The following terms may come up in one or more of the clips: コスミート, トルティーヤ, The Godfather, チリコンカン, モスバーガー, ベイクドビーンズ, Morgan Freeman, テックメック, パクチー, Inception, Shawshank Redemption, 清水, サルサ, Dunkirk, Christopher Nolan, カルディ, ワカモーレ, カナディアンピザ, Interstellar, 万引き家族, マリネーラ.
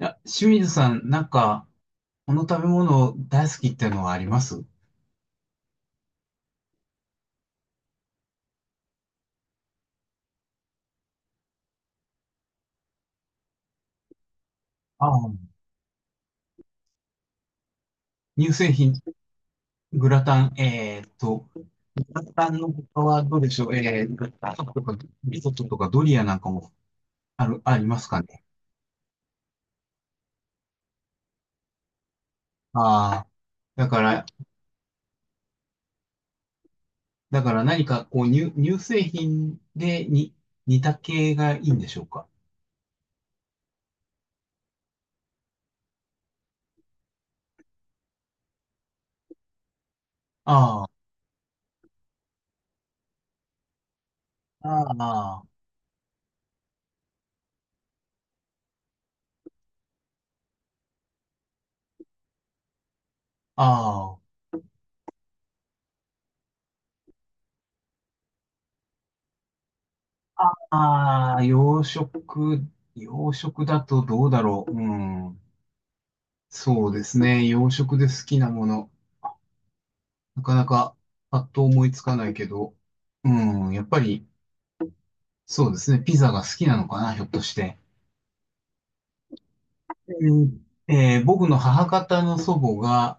いや、清水さん、この食べ物大好きっていうのはあります。ああ、乳製品、グラタン、グラタンの他はどうでしょう。えー、グラタンとか、リゾットとかドリアなんかもありますかね。ああ。だから、だから何かこう乳製品でに似た系がいいんでしょうか。ああ、ああ、ああ、洋食、洋食だとどうだろうん。そうですね。洋食で好きなもの。なかなかパッと思いつかないけど。うん、やっぱり、そうですね。ピザが好きなのかな、ひょっとして。僕の母方の祖母が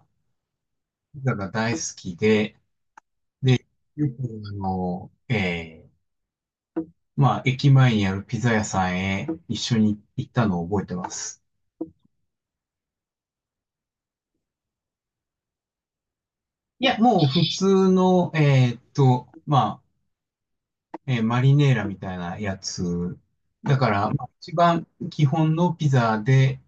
ピザが大好きで、よくあの、えーまあ、駅前にあるピザ屋さんへ一緒に行ったのを覚えてます。いや、もう普通の、マリネーラみたいなやつ。だから、まあ一番基本のピザで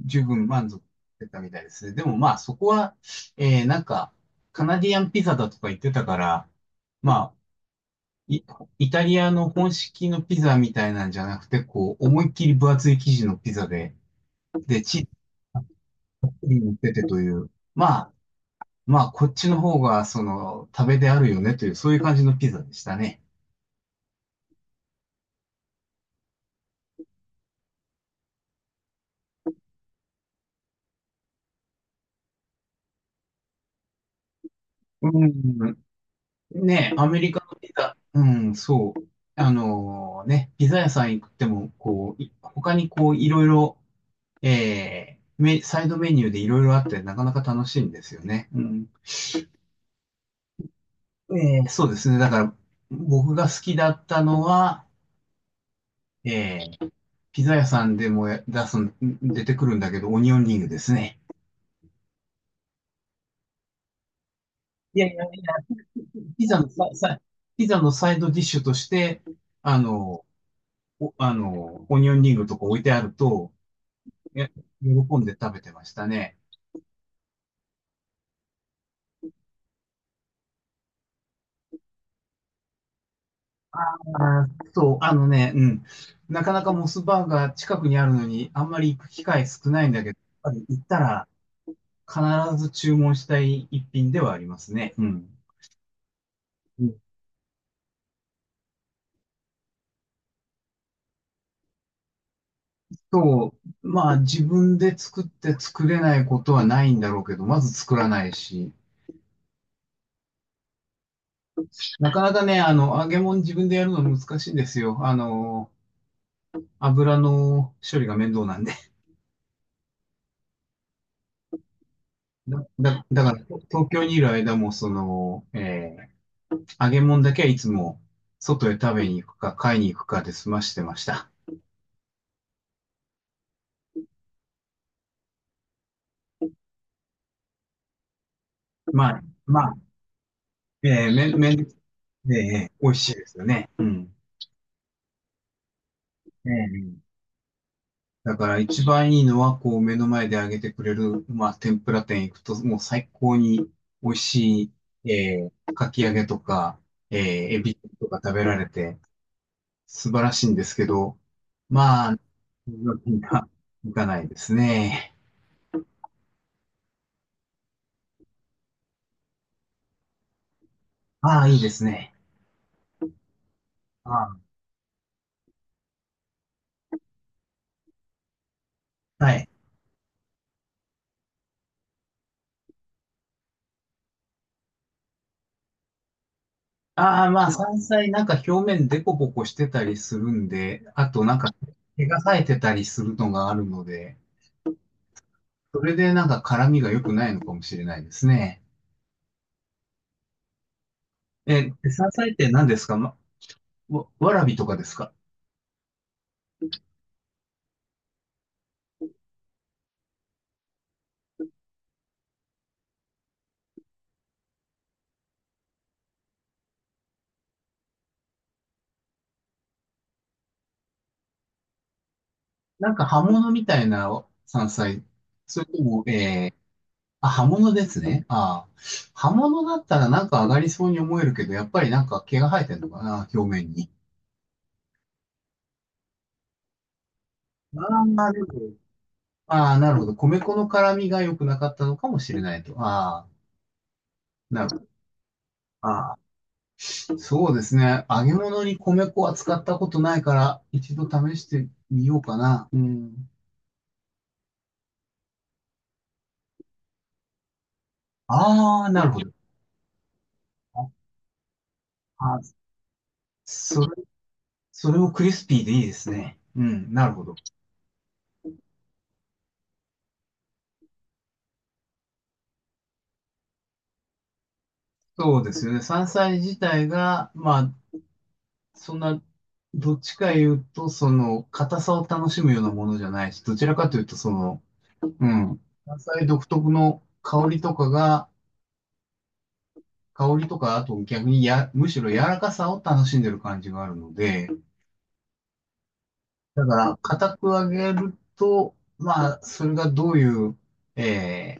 十分満足してたみたいですね。でもまあそこは、えーなんか、カナディアンピザだとか言ってたから、まあ、イ、イタリアの本式のピザみたいなんじゃなくて、こう、思いっきり分厚い生地のピザで、で、チーズに乗っててという、まあ、まあ、こっちの方が、その、食べであるよねという、そういう感じのピザでしたね。うん。ね、アメリカのピザ、うん、そう。あのね、ピザ屋さん行っても、こう、い他にこう、いろいろ、メサイドメニューでいろいろあって、なかなか楽しいんですよね。うん。そうですね。だから、僕が好きだったのは、えー、ピザ屋さんでもや出すん、出てくるんだけど、オニオンリングですね。いやいやいや、ピザのサさ、ピザのサイドディッシュとして、あの、あの、オニオンリングとか置いてあると、ね、喜んで食べてましたね。ああ、そう、あのね、うん。なかなかモスバーガー近くにあるのに、あんまり行く機会少ないんだけど、やっぱり行ったら必ず注文したい一品ではありますね。うん。うんそう、まあ自分で作って作れないことはないんだろうけど、まず作らないし、なかなかね、あの、揚げ物自分でやるの難しいんですよ。あの、油の処理が面倒なんで。だから東京にいる間も、その、ー揚げ物だけはいつも外へ食べに行くか買いに行くかで済ましてました。まあ、まあ、えー、めん、めん、えー、美味しいですよね。うん。ええ、だから一番いいのは、こう目の前で揚げてくれる、まあ、天ぷら店行くと、もう最高に美味しい、かき揚げとか、えー、エビとか食べられて、素晴らしいんですけど、まあ、みんな、行かないですね。ああ、いいですね。ああ、はい。ああ、まあ、山菜なんか表面デコボコしてたりするんで、あとなんか毛が生えてたりするのがあるので、それでなんか辛みが良くないのかもしれないですね。え、山菜って何ですかま、わらびとかですか。なんか葉物みたいな山菜。それとも、あ、葉物ですね。ああ。葉物だったらなんか上がりそうに思えるけど、やっぱりなんか毛が生えてるのかな、表面に。ああ、でも、ああ、なるほど。米粉の辛みが良くなかったのかもしれないと。ああ、なるほど。ああ、そうですね。揚げ物に米粉は使ったことないから、一度試してみようかな。うん。ああ、なるほど。ああ、それ、それをクリスピーでいいですね。うん、なるほど。そうですよね。山菜自体が、まあ、そんな、どっちか言うと、その、硬さを楽しむようなものじゃないし、どちらかというと、その、うん、山菜独特の香りとかが、香りとか、あと逆にや、むしろ柔らかさを楽しんでる感じがあるので、だから、硬く揚げると、まあ、それがどういう、え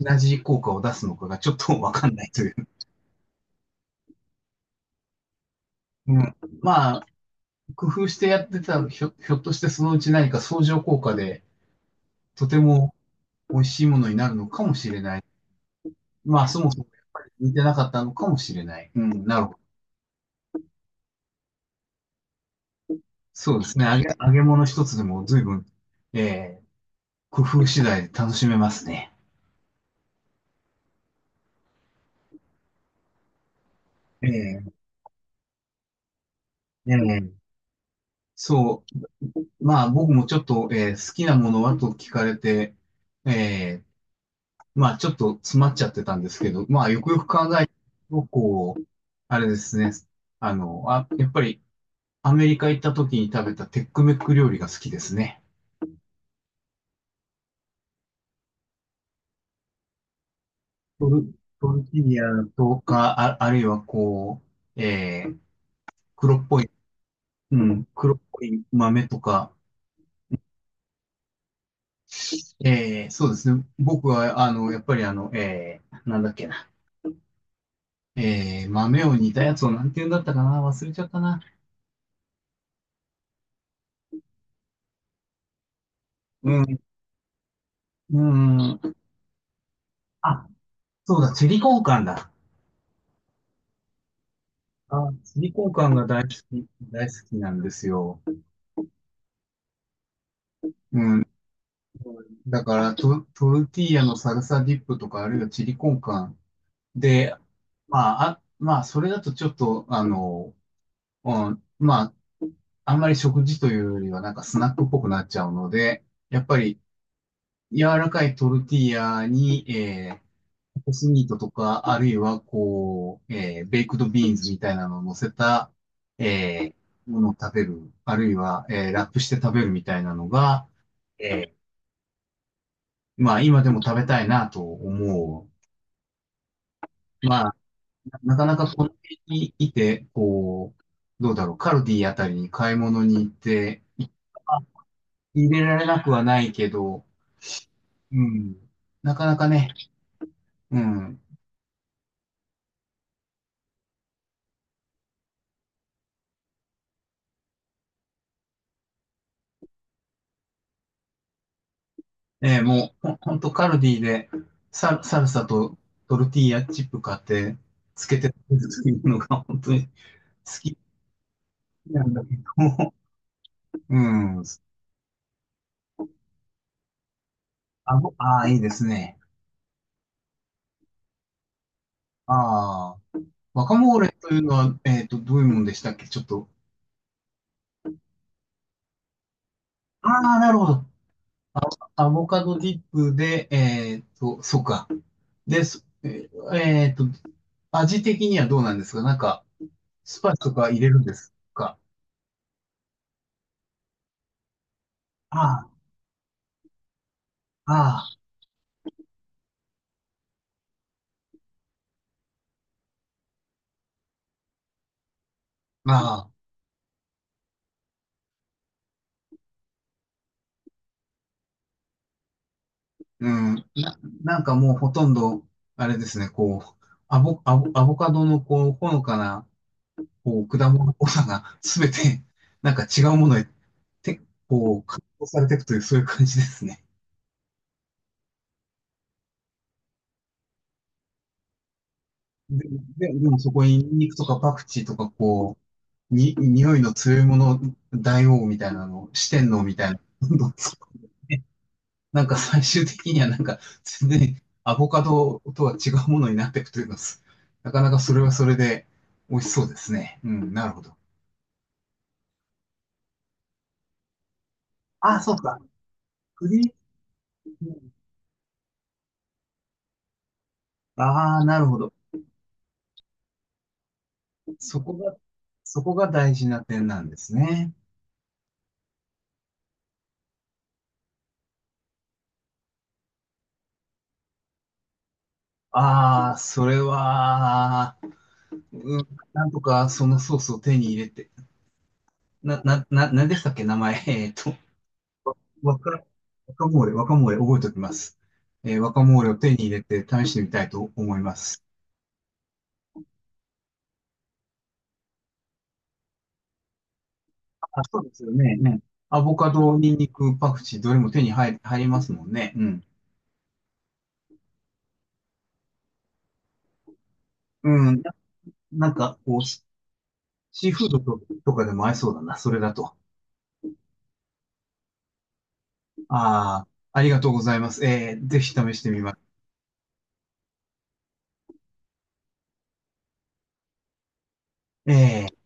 同じ効果を出すのかがちょっとわかんないという。うん。まあ、工夫してやってたら、ひょっとしてそのうち何か相乗効果で、とても美味しいものになるのかもしれない。まあ、そもそもやっぱり似てなかったのかもしれない。うん、なるほど。そうですね。揚げ物一つでも随分、えー、工夫次第で楽しめますね。ええ、うん、そう。まあ僕もちょっと、好きなものはと聞かれて、ええ、まあちょっと詰まっちゃってたんですけど、まあよくよく考えると、こう、あれですね。あの、あ、やっぱりアメリカ行った時に食べたテックメック料理が好きですね。トル、トルティーヤとか、あ、あるいはこう、黒っぽい、うん、黒っぽい豆とか、そうですね。僕は、あの、やっぱりあの、なんだっけな。豆を煮たやつをなんて言うんだったかな忘れちゃったな。うん、うん。あ、そうだ、チリコンカンだ。あ、チリコンカンが大好き、大好きなんですよ。うん。だから、トルティーヤのサルサディップとか、あるいはチリコンカンで、まあ、あ、まあ、それだとちょっと、あの、うん、まあ、あんまり食事というよりは、なんかスナックっぽくなっちゃうので、やっぱり、柔らかいトルティーヤに、コスミートとか、あるいは、こう、ベイクドビーンズみたいなのを乗せた、えものを食べる、あるいは、ラップして食べるみたいなのが、えまあ、今でも食べたいなと思う。まあ、なかなかこの辺にいて、こう、どうだろう、カルディあたりに買い物に行って、入れられなくはないけど、うん。なかなかね、うん。もう、ほほんとカルディでサルサとトルティーヤチップ買って、つけて食べるのが本当に好きなんだけども、うん。あの、ああ、いいですね。ああ、ワカモーレというのは、えっと、どういうもんでしたっけちょっと。ああ、なるほど。アボカドディップで、えっと、そうか。で、えっと、味的にはどうなんですかなんか、スパイスとか入れるんですか。ああ、ああ、ああ。うん、なんかもうほとんど、あれですね、こう、アボカドのこう、ほのかな、こう、果物っぽさが すべて、なんか違うものへ、て、こう、加工されていくという、そういう感じですね。で、でもそこにニンニクとかパクチーとか、こう、に、匂いの強いもの、大王みたいなの、四天王みたいな、どんどんなんか最終的にはなんか全然アボカドとは違うものになっていくというか、すなかなかそれはそれで美味しそうですね。うん、なるほど。ああ、そうか。クリーム。ああ、なるほど。そこが、そこが大事な点なんですね。ああ、それは、うん、なんとかそのソースを手に入れて、なんでしたっけ、名前。えっと、わか、若モーレ、若モーレ覚えておきます。えー、若モーレを手に入れて試してみたいと思います。あ、そうですよね。ね。アボカド、ニンニク、パクチー、どれも手に入、入りますもんね。うん。うん。なんか、こう、シーフードと、とかでも合いそうだな。それだと。ああ、ありがとうございます。えー、ぜひ試してみます。ええ